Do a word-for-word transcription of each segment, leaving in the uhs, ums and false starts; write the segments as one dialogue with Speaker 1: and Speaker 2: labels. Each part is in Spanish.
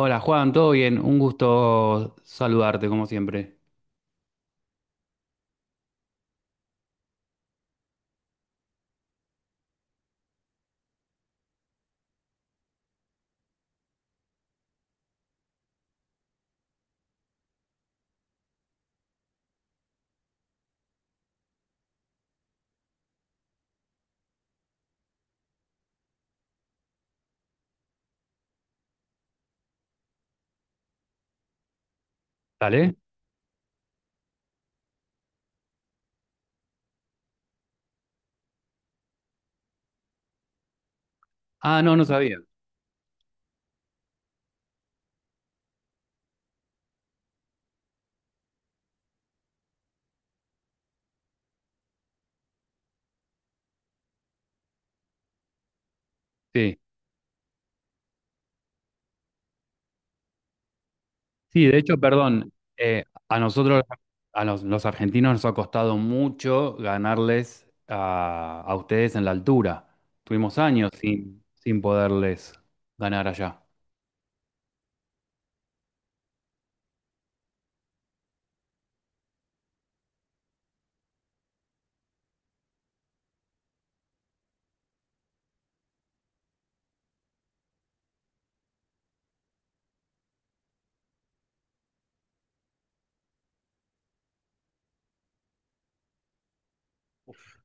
Speaker 1: Hola Juan, ¿todo bien? Un gusto saludarte como siempre. ¿Dale? Ah, no, no sabía. Sí, sí, de hecho, perdón, eh, a nosotros, a los, los argentinos nos ha costado mucho ganarles a, a ustedes en la altura. Tuvimos años sin, sin poderles ganar allá.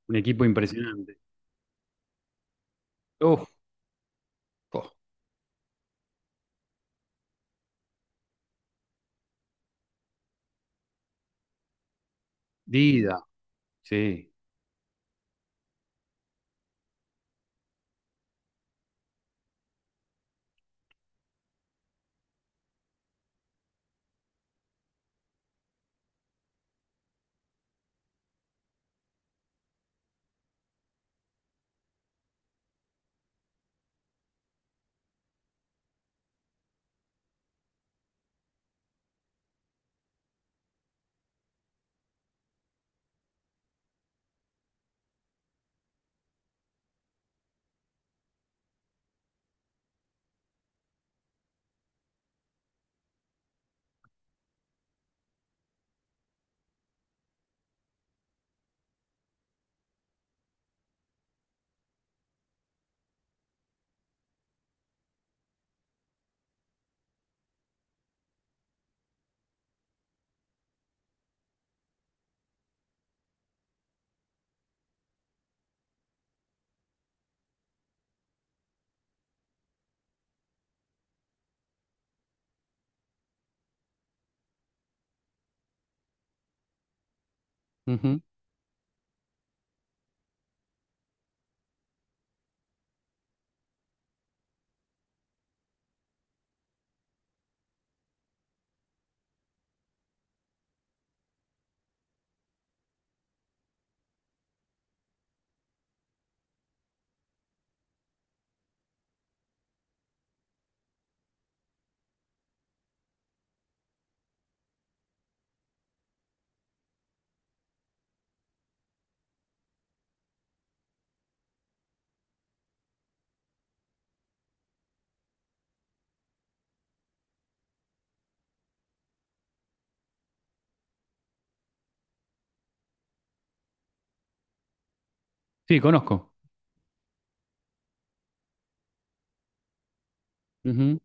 Speaker 1: Un equipo impresionante. Uf, oh, Dida, sí. Ujú. Sí, conozco. Ujú.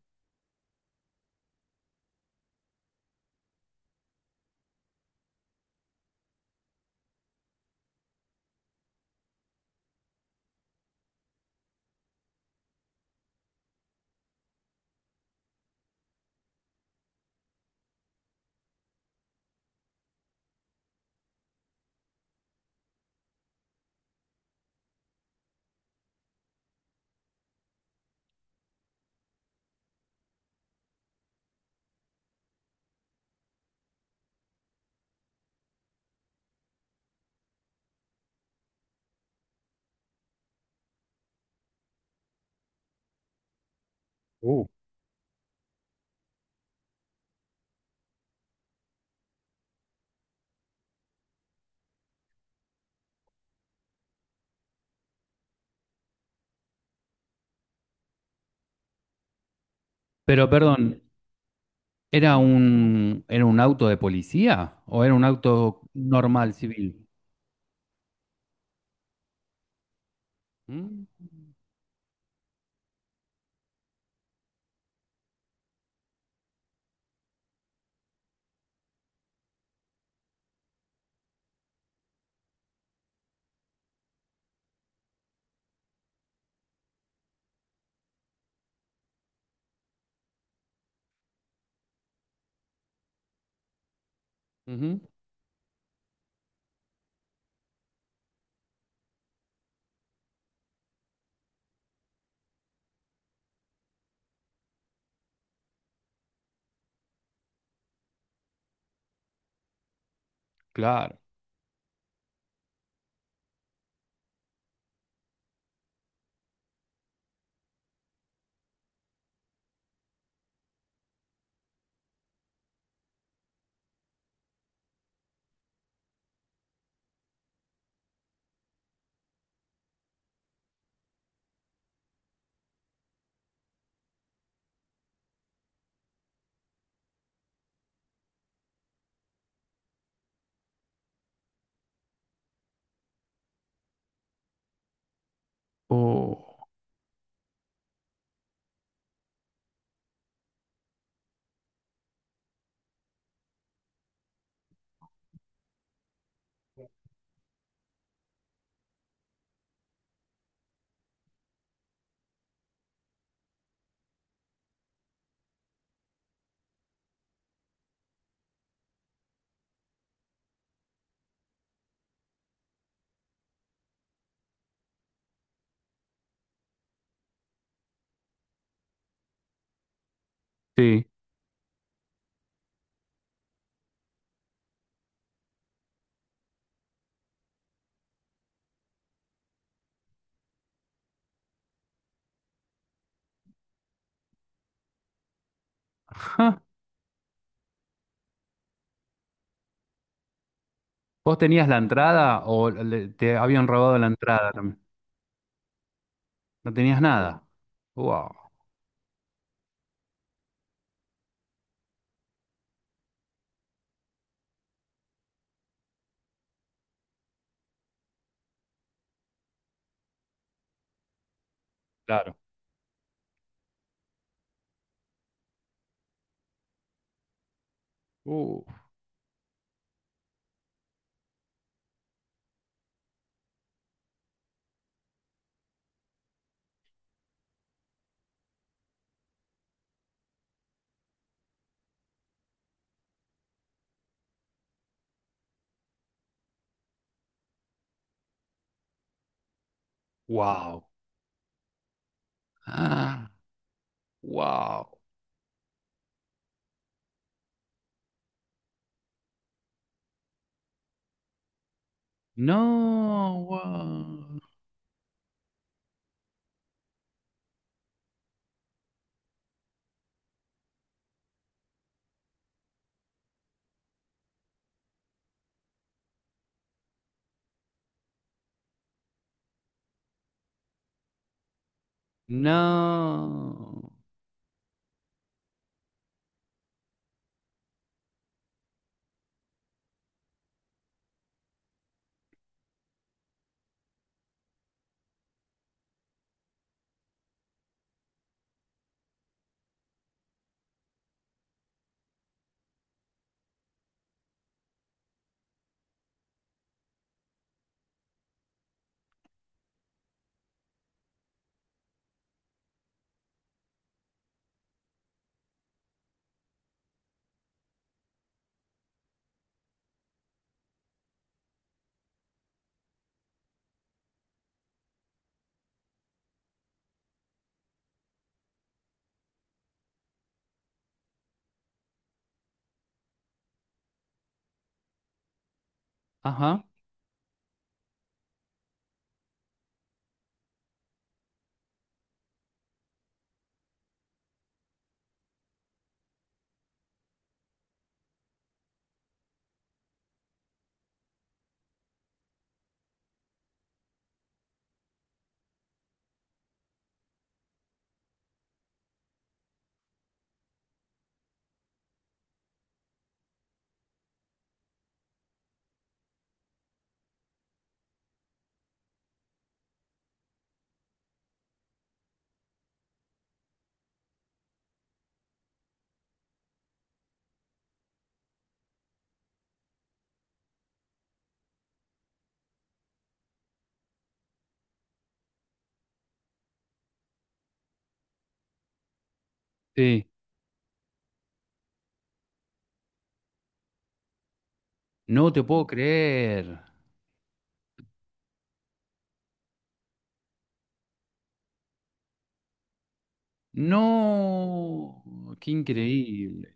Speaker 1: Uh, Pero perdón, ¿era un, era un auto de policía o era un auto normal civil? Mm, ujú, claro. Oh, sí. Ja, ¿vos tenías la entrada o le- te habían robado la entrada también? No tenías nada. Wow, claro. Uh, wow. Ah, wow. No, wow. No. Ajá. Sí. No te puedo creer. No, qué increíble.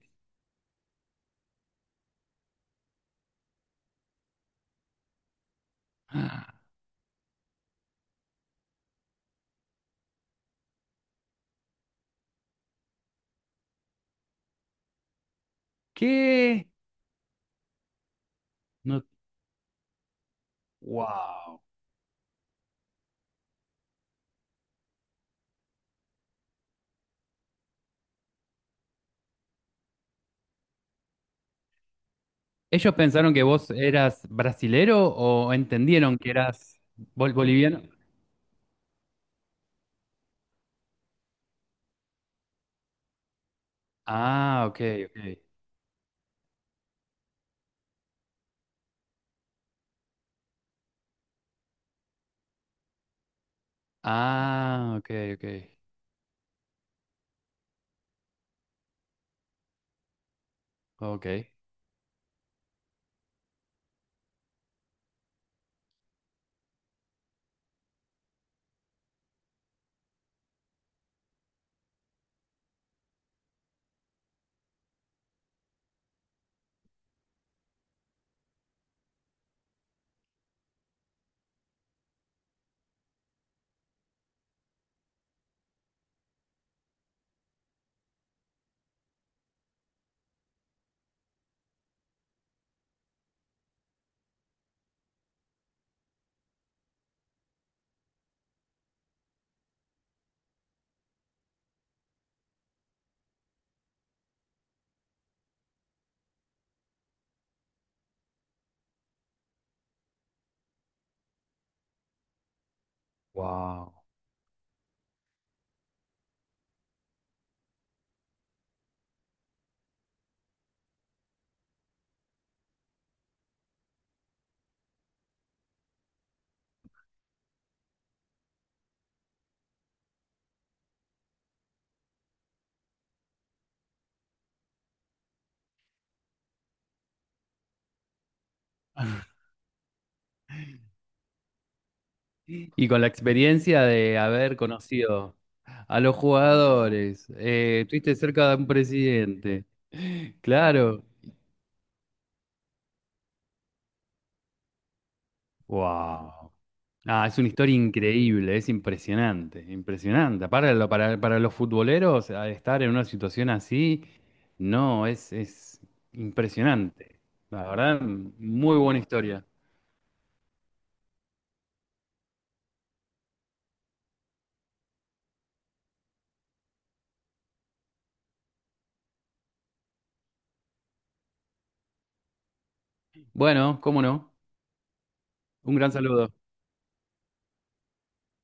Speaker 1: ¿Qué? No, wow. ¿Ellos pensaron que vos eras brasilero o entendieron que eras bol- boliviano? Ah, ok, ok. Ah, ok, ok. Ok. Wow. Y con la experiencia de haber conocido a los jugadores, eh, estuviste cerca de un presidente. Claro. Wow. Ah, es una historia increíble, es impresionante, impresionante. Para, lo- para, para los futboleros, al estar en una situación así, no, es, es impresionante. La verdad, muy buena historia. Bueno, cómo no, un gran saludo.